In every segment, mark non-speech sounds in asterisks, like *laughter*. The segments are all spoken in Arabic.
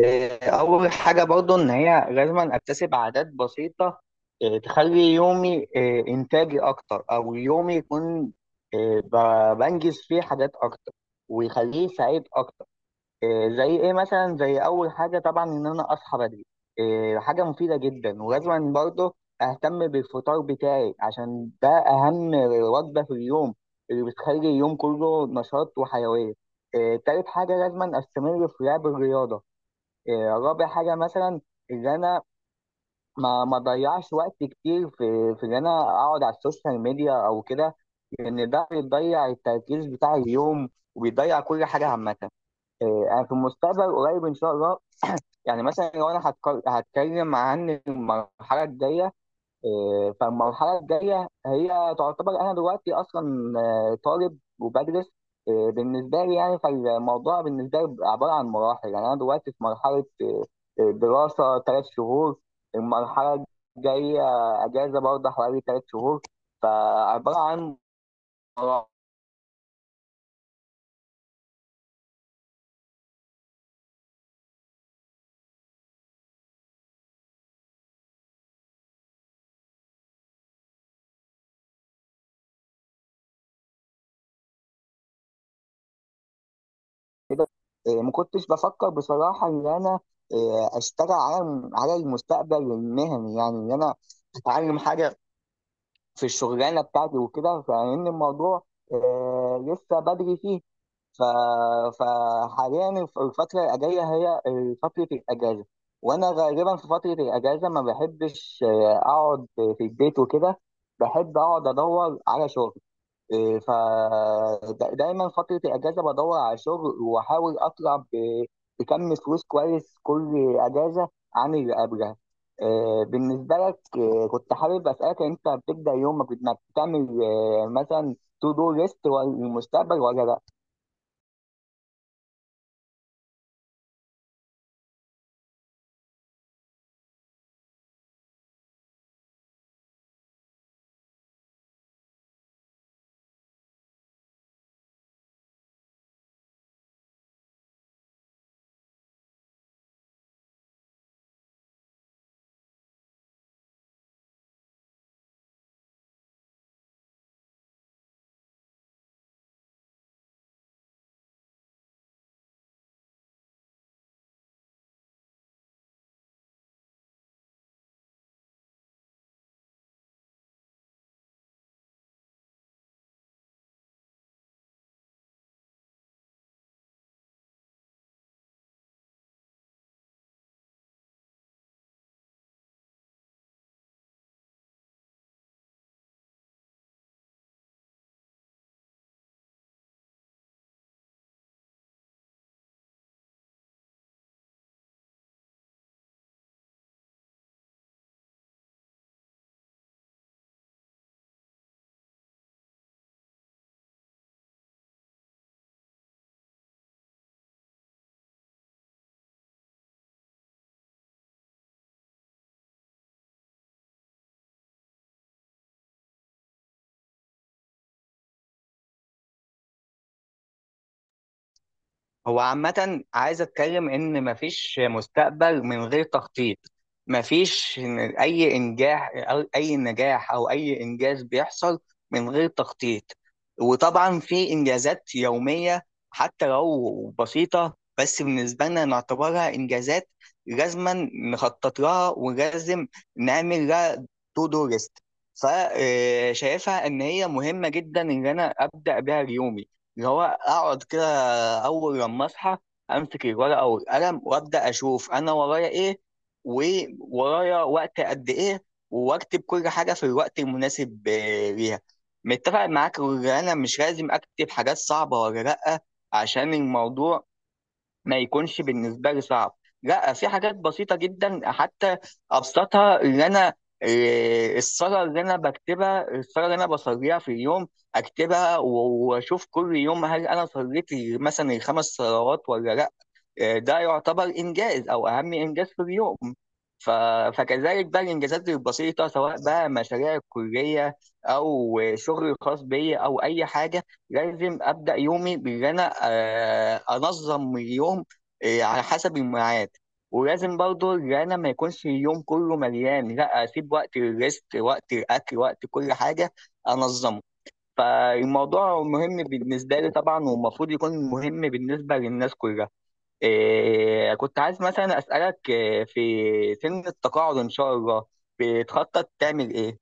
إيه، أول حاجة برضو إن هي لازم أكتسب عادات بسيطة. إيه، تخلي يومي، إيه، إنتاجي أكتر أو يومي يكون، إيه، بنجز فيه حاجات أكتر ويخليه سعيد أكتر. إيه، زي إيه مثلا زي أول حاجة طبعا إن أنا أصحى بدري. إيه، حاجة مفيدة جدا ولازم برضو أهتم بالفطار بتاعي عشان ده أهم وجبة في اليوم اللي بتخلي اليوم كله نشاط وحيوية. إيه، تالت حاجة لازم أستمر في لعب الرياضة. إيه، رابع حاجة مثلا إن أنا ما أضيعش وقت كتير في إن أنا أقعد على السوشيال ميديا أو كده، لأن ده بيضيع التركيز بتاع اليوم وبيضيع كل حاجة عامة. إيه، أنا في المستقبل قريب إن شاء الله *clears throat* يعني مثلا لو أنا هتكلم عن المرحلة الجاية. إيه، فالمرحله الجايه هي تعتبر انا دلوقتي اصلا، طالب وبدرس. إيه، بالنسبه لي يعني فالموضوع بالنسبه لي بيبقى عباره عن مراحل، يعني انا دلوقتي في مرحله، دراسه ثلاث شهور. المرحله الجايه اجازه برضه حوالي 3 شهور. فعباره عن مراحل كده. إيه، ما كنتش بفكر بصراحه ان انا، إيه، اشتغل على المستقبل المهني، يعني ان انا اتعلم حاجه في الشغلانه بتاعتي وكده، فان الموضوع لسه بدري فيه. ف... فحاليا الفتره الجايه هي فتره الاجازه. وانا غالبا في فتره الاجازه ما بحبش، اقعد في البيت وكده، بحب اقعد ادور على شغل. فدايما فترة الأجازة بدور على شغل، وأحاول أطلع بكم فلوس كويس كل أجازة عن اللي قبلها. بالنسبة لك، كنت حابب أسألك، أنت بتبدأ يومك بإنك تعمل، مثلا، تو دو ليست للمستقبل ولا لأ؟ هو عامة عايز اتكلم ان مفيش مستقبل من غير تخطيط. مفيش اي انجاح او اي نجاح او اي انجاز بيحصل من غير تخطيط. وطبعا في انجازات يومية حتى لو بسيطة، بس بالنسبة لنا نعتبرها انجازات لازما نخطط لها ولازم نعمل لها تو دو ليست. فشايفها ان هي مهمة جدا ان انا ابدأ بيها يومي. اللي هو اقعد كده اول لما اصحى، امسك الورقه والقلم وابدا اشوف انا ورايا ايه، وورايا وقت قد ايه، واكتب كل حاجه في الوقت المناسب ليها. متفق معاك ان انا مش لازم اكتب حاجات صعبه ولا لا، عشان الموضوع ما يكونش بالنسبه لي صعب. لا، في حاجات بسيطه جدا حتى ابسطها، اللي انا، إيه، الصلاه اللي انا بكتبها، الصلاه اللي انا بصليها في اليوم اكتبها واشوف كل يوم هل انا صليت مثلا الخمس صلوات ولا لا. ده يعتبر انجاز او اهم انجاز في اليوم. ف... فكذلك بقى الانجازات البسيطه سواء بقى مشاريع الكليه او شغلي الخاص بيا او اي حاجه، لازم ابدا يومي بان انا، انظم اليوم على حسب الميعاد. ولازم برضه ان انا ما يكونش اليوم كله مليان، لا اسيب وقت للريست، وقت الاكل، وقت كل حاجه انظمه. فالموضوع مهم بالنسبه لي طبعا، والمفروض يكون مهم بالنسبه للناس كلها. إيه كنت عايز مثلا أسألك، إيه، في سن التقاعد إن شاء الله بتخطط تعمل إيه؟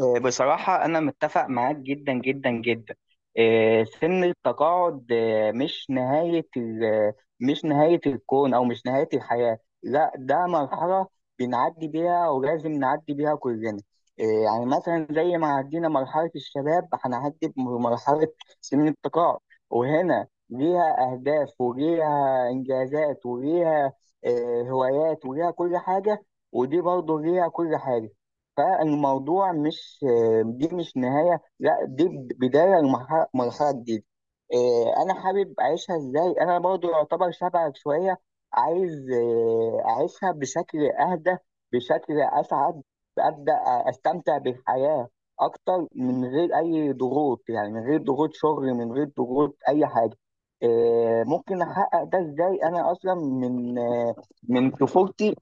بصراحة أنا متفق معاك جدا جدا جدا. سن التقاعد، مش نهاية مش نهاية الكون أو مش نهاية الحياة. لا، ده مرحلة بنعدي بيها ولازم نعدي بيها كلنا. يعني مثلا زي ما عدينا مرحلة الشباب هنعدي بمرحلة سن التقاعد. وهنا ليها أهداف وليها إنجازات وليها، هوايات، وليها كل حاجة. ودي برضه ليها كل حاجة. فالموضوع مش، دي مش نهاية، لا دي بداية لمرحلة، مرحلة جديدة. إيه، أنا حابب أعيشها إزاي، أنا برضو يعتبر شبهك شوية. عايز، إيه، أعيشها بشكل أهدى، بشكل أسعد، أبدأ أستمتع بالحياة أكتر من غير أي ضغوط، يعني من غير ضغوط شغل، من غير ضغوط أي حاجة. إيه، ممكن أحقق ده إزاي؟ أنا أصلا من طفولتي،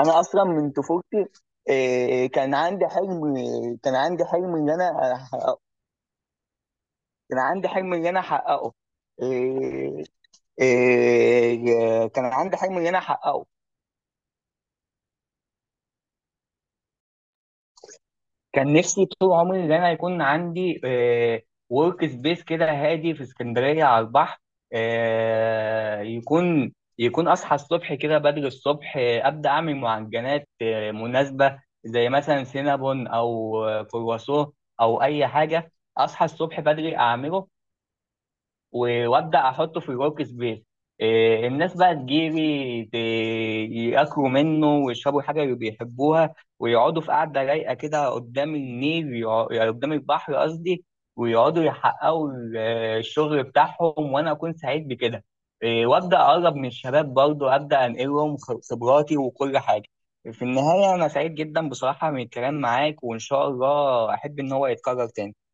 انا اصلا من طفولتي، إيه، كان عندي حلم، كان عندي حلم ان انا احققه، كان عندي حلم ان انا احققه، إيه، إيه، كان عندي حلم ان انا احققه. كان نفسي طول عمري ان انا يكون عندي ورك سبيس كده هادي في اسكندريه على البحر. آه، يكون يكون اصحى الصبح كده بدري الصبح، ابدا اعمل معجنات مناسبه زي مثلا سينابون او، كرواسون او اي حاجه. اصحى الصبح بدري اعمله، وابدا احطه في الورك سبيس. إيه، الناس بقى تجيلي ياكلوا منه ويشربوا الحاجه اللي بيحبوها، ويقعدوا في قعده رايقه كده قدام النيل، يعني قدام البحر قصدي. ويقعدوا يحققوا الشغل بتاعهم وانا اكون سعيد بكده. إيه، وابدا اقرب من الشباب برضه، ابدا انقلهم خبراتي وكل حاجه. في النهايه انا سعيد جدا بصراحه من الكلام معاك، وان شاء الله احب ان هو يتكرر تاني.